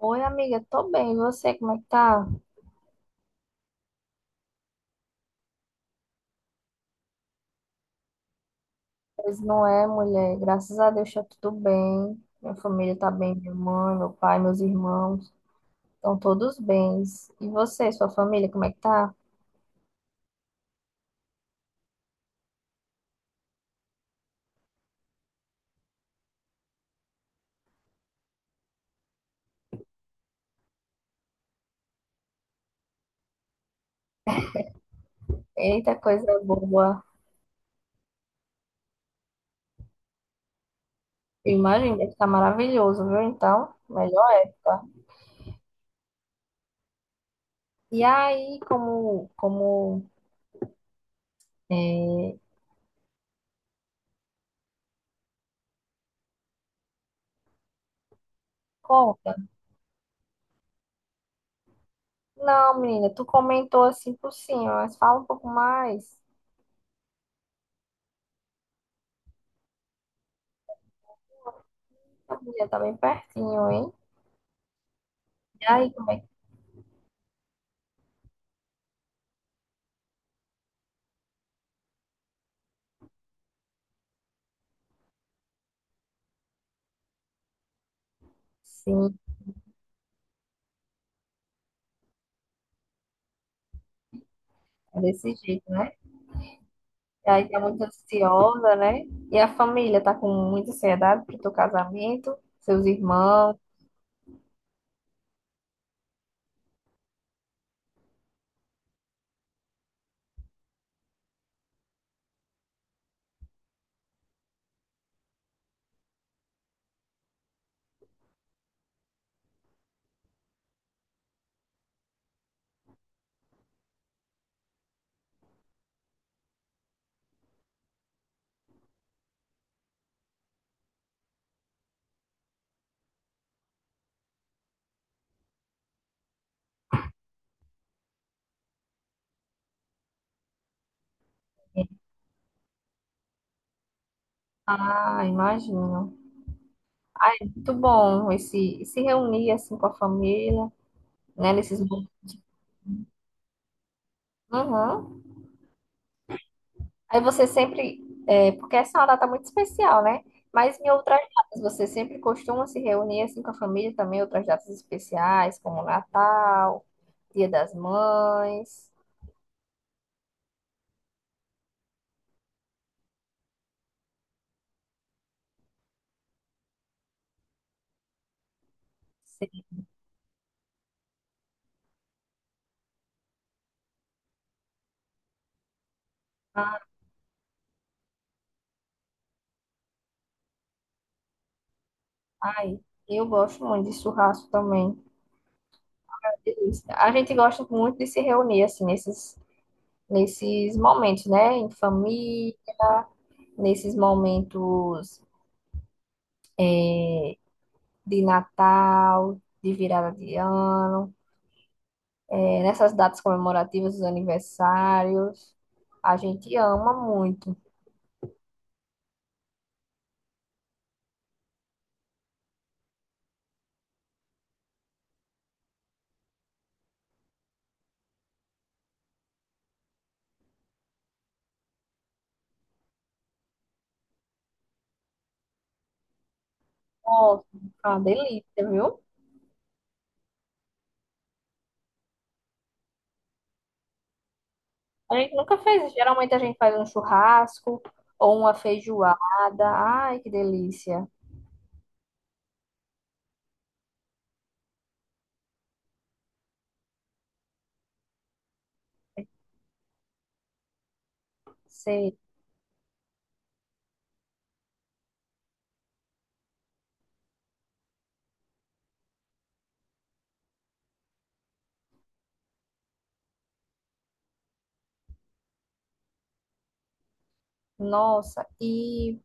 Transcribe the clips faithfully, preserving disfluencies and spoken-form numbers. Oi, amiga, tô bem. E você, como é que tá? Pois não é, mulher. Graças a Deus tá tudo bem. Minha família tá bem, minha mãe, meu pai, meus irmãos, estão todos bens. E você, sua família, como é que tá? Eita, coisa boa. Eu imagino, deve tá maravilhoso, viu? Então, melhor época. E aí, como, como, é, conta? Não, menina, tu comentou assim por cima, mas fala um pouco mais. Minha família tá bem pertinho, hein? E aí, como é que... tá? Sim. É desse jeito, né? E aí tá muito ansiosa, né? E a família tá com muita ansiedade pro teu casamento, seus irmãos. Ah, imagino. Ah, é muito bom esse se reunir assim com a família, né? Nesses momentos. Uhum. Aí você sempre, é, porque essa é uma data muito especial, né? Mas em outras datas, você sempre costuma se reunir assim com a família também, outras datas especiais, como Natal, Dia das Mães. Ai, eu gosto muito de churrasco também. É delícia. A gente gosta muito de se reunir assim nesses nesses momentos, né? Em família, nesses momentos é, de Natal, de virada de ano, é, nessas datas comemorativas, dos aniversários. A gente ama muito. Nossa, é uma delícia, viu? A gente nunca fez. Geralmente a gente faz um churrasco ou uma feijoada. Ai, que delícia. Sei. Nossa, e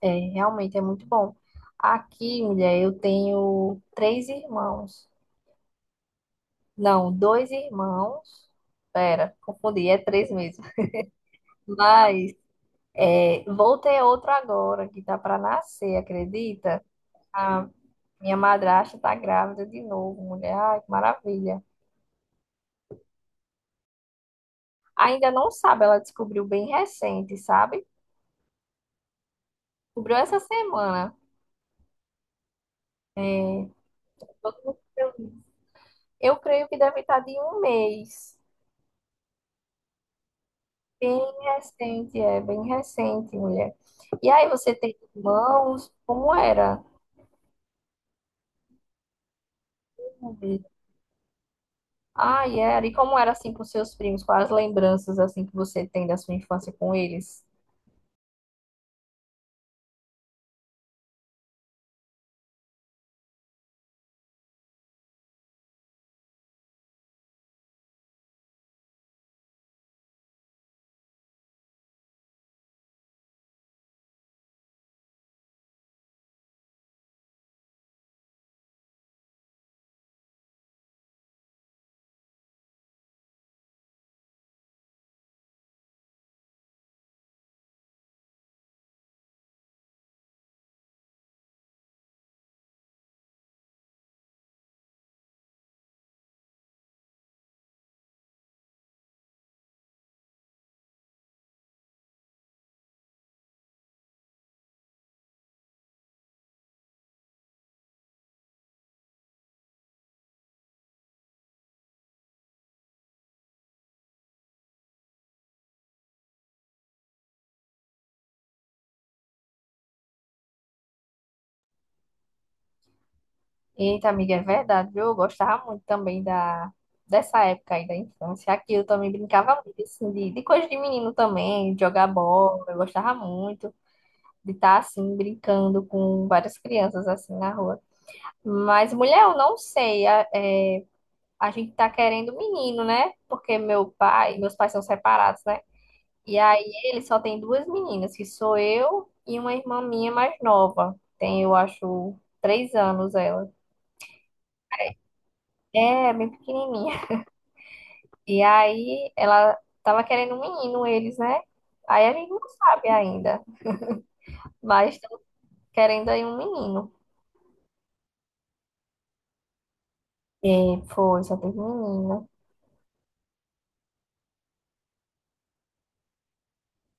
É, realmente é muito bom. Aqui, mulher, eu tenho três irmãos. Não, dois irmãos. Pera, confundi, é três mesmo. Mas é, vou ter outro agora, que tá para nascer, acredita? A minha madrasta tá grávida de novo, mulher. Ai, que maravilha. Ainda não sabe, ela descobriu bem recente, sabe? Descobriu essa semana. Todo mundo- Eu creio que deve estar de um mês. Bem recente, é bem recente, mulher. E aí, você tem irmãos? Como era? Ai, era. E como era assim com seus primos? Quais as lembranças assim que você tem da sua infância com eles? Eita, amiga, é verdade, viu? Eu gostava muito também da dessa época aí da infância. Aqui eu também brincava muito assim, de, de coisa de menino também, de jogar bola. Eu gostava muito de estar assim brincando com várias crianças assim na rua. Mas mulher, eu não sei. a- É, a gente tá querendo menino, né? Porque meu pai, meus pais são separados, né? E aí ele só tem duas meninas, que sou eu e uma irmã minha mais nova. Tem, eu acho, três anos ela. É, bem pequenininha. E aí ela tava querendo um menino, eles, né? Aí a gente não sabe ainda, mas estamos querendo aí um menino. E foi, só teve menina.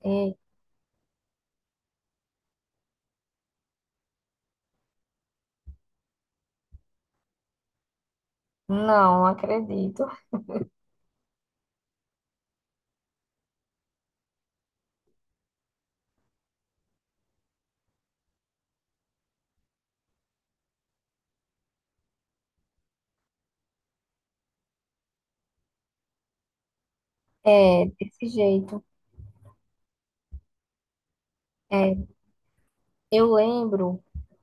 E não acredito. É, desse jeito. É, eu lembro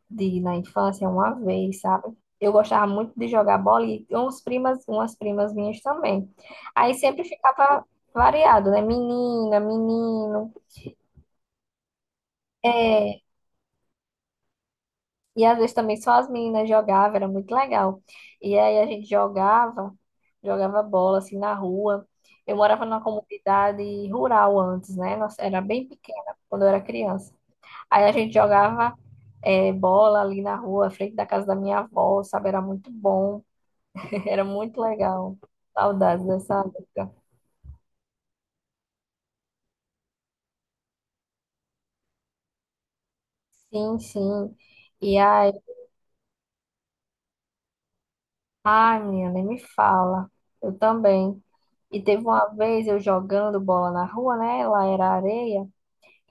de na infância uma vez, sabe? Eu gostava muito de jogar bola e uns primas, umas primas minhas também. Aí sempre ficava variado, né? Menina, menino. É, e às vezes também só as meninas jogavam, era muito legal. E aí a gente jogava, jogava bola assim na rua. Eu morava numa comunidade rural antes, né? Nossa, era bem pequena quando eu era criança. Aí a gente jogava é, bola ali na rua, à frente da casa da minha avó, sabe? Era muito bom. Era muito legal. Saudades dessa época. Sim, sim. E aí, ai, menina, nem me fala. Eu também. E teve uma vez eu jogando bola na rua, né? Lá era areia.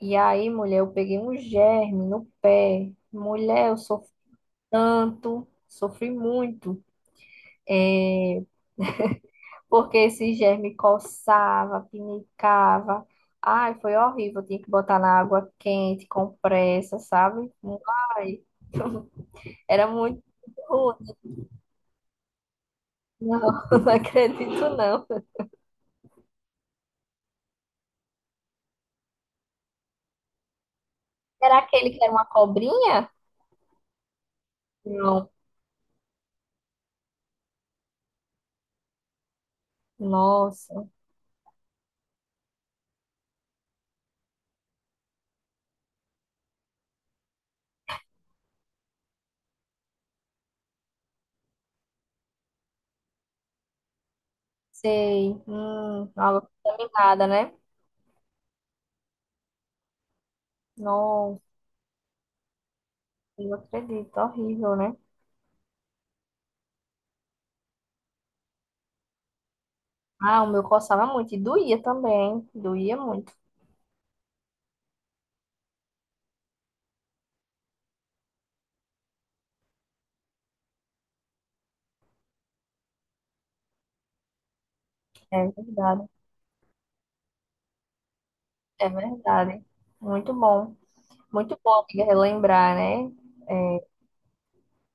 E aí, mulher, eu peguei um germe no pé. Mulher, eu sofri tanto, sofri muito. É, porque esse germe coçava, pinicava. Ai, foi horrível. Eu tinha que botar na água quente, compressa, sabe? Ai. Era muito rude. Não, não acredito, não. Era aquele que era uma cobrinha? Não. Nossa, sei. Hum, água contaminada, né? Nossa, não acredito. Horrível, né? Ah, o meu coçava muito e doía também. Doía muito. É verdade. É verdade. Muito bom. Muito bom, amiga, relembrar, né? É,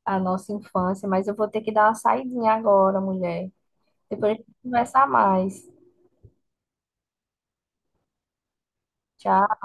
a nossa infância. Mas eu vou ter que dar uma saidinha agora, mulher. Depois a gente conversa mais. Tchau.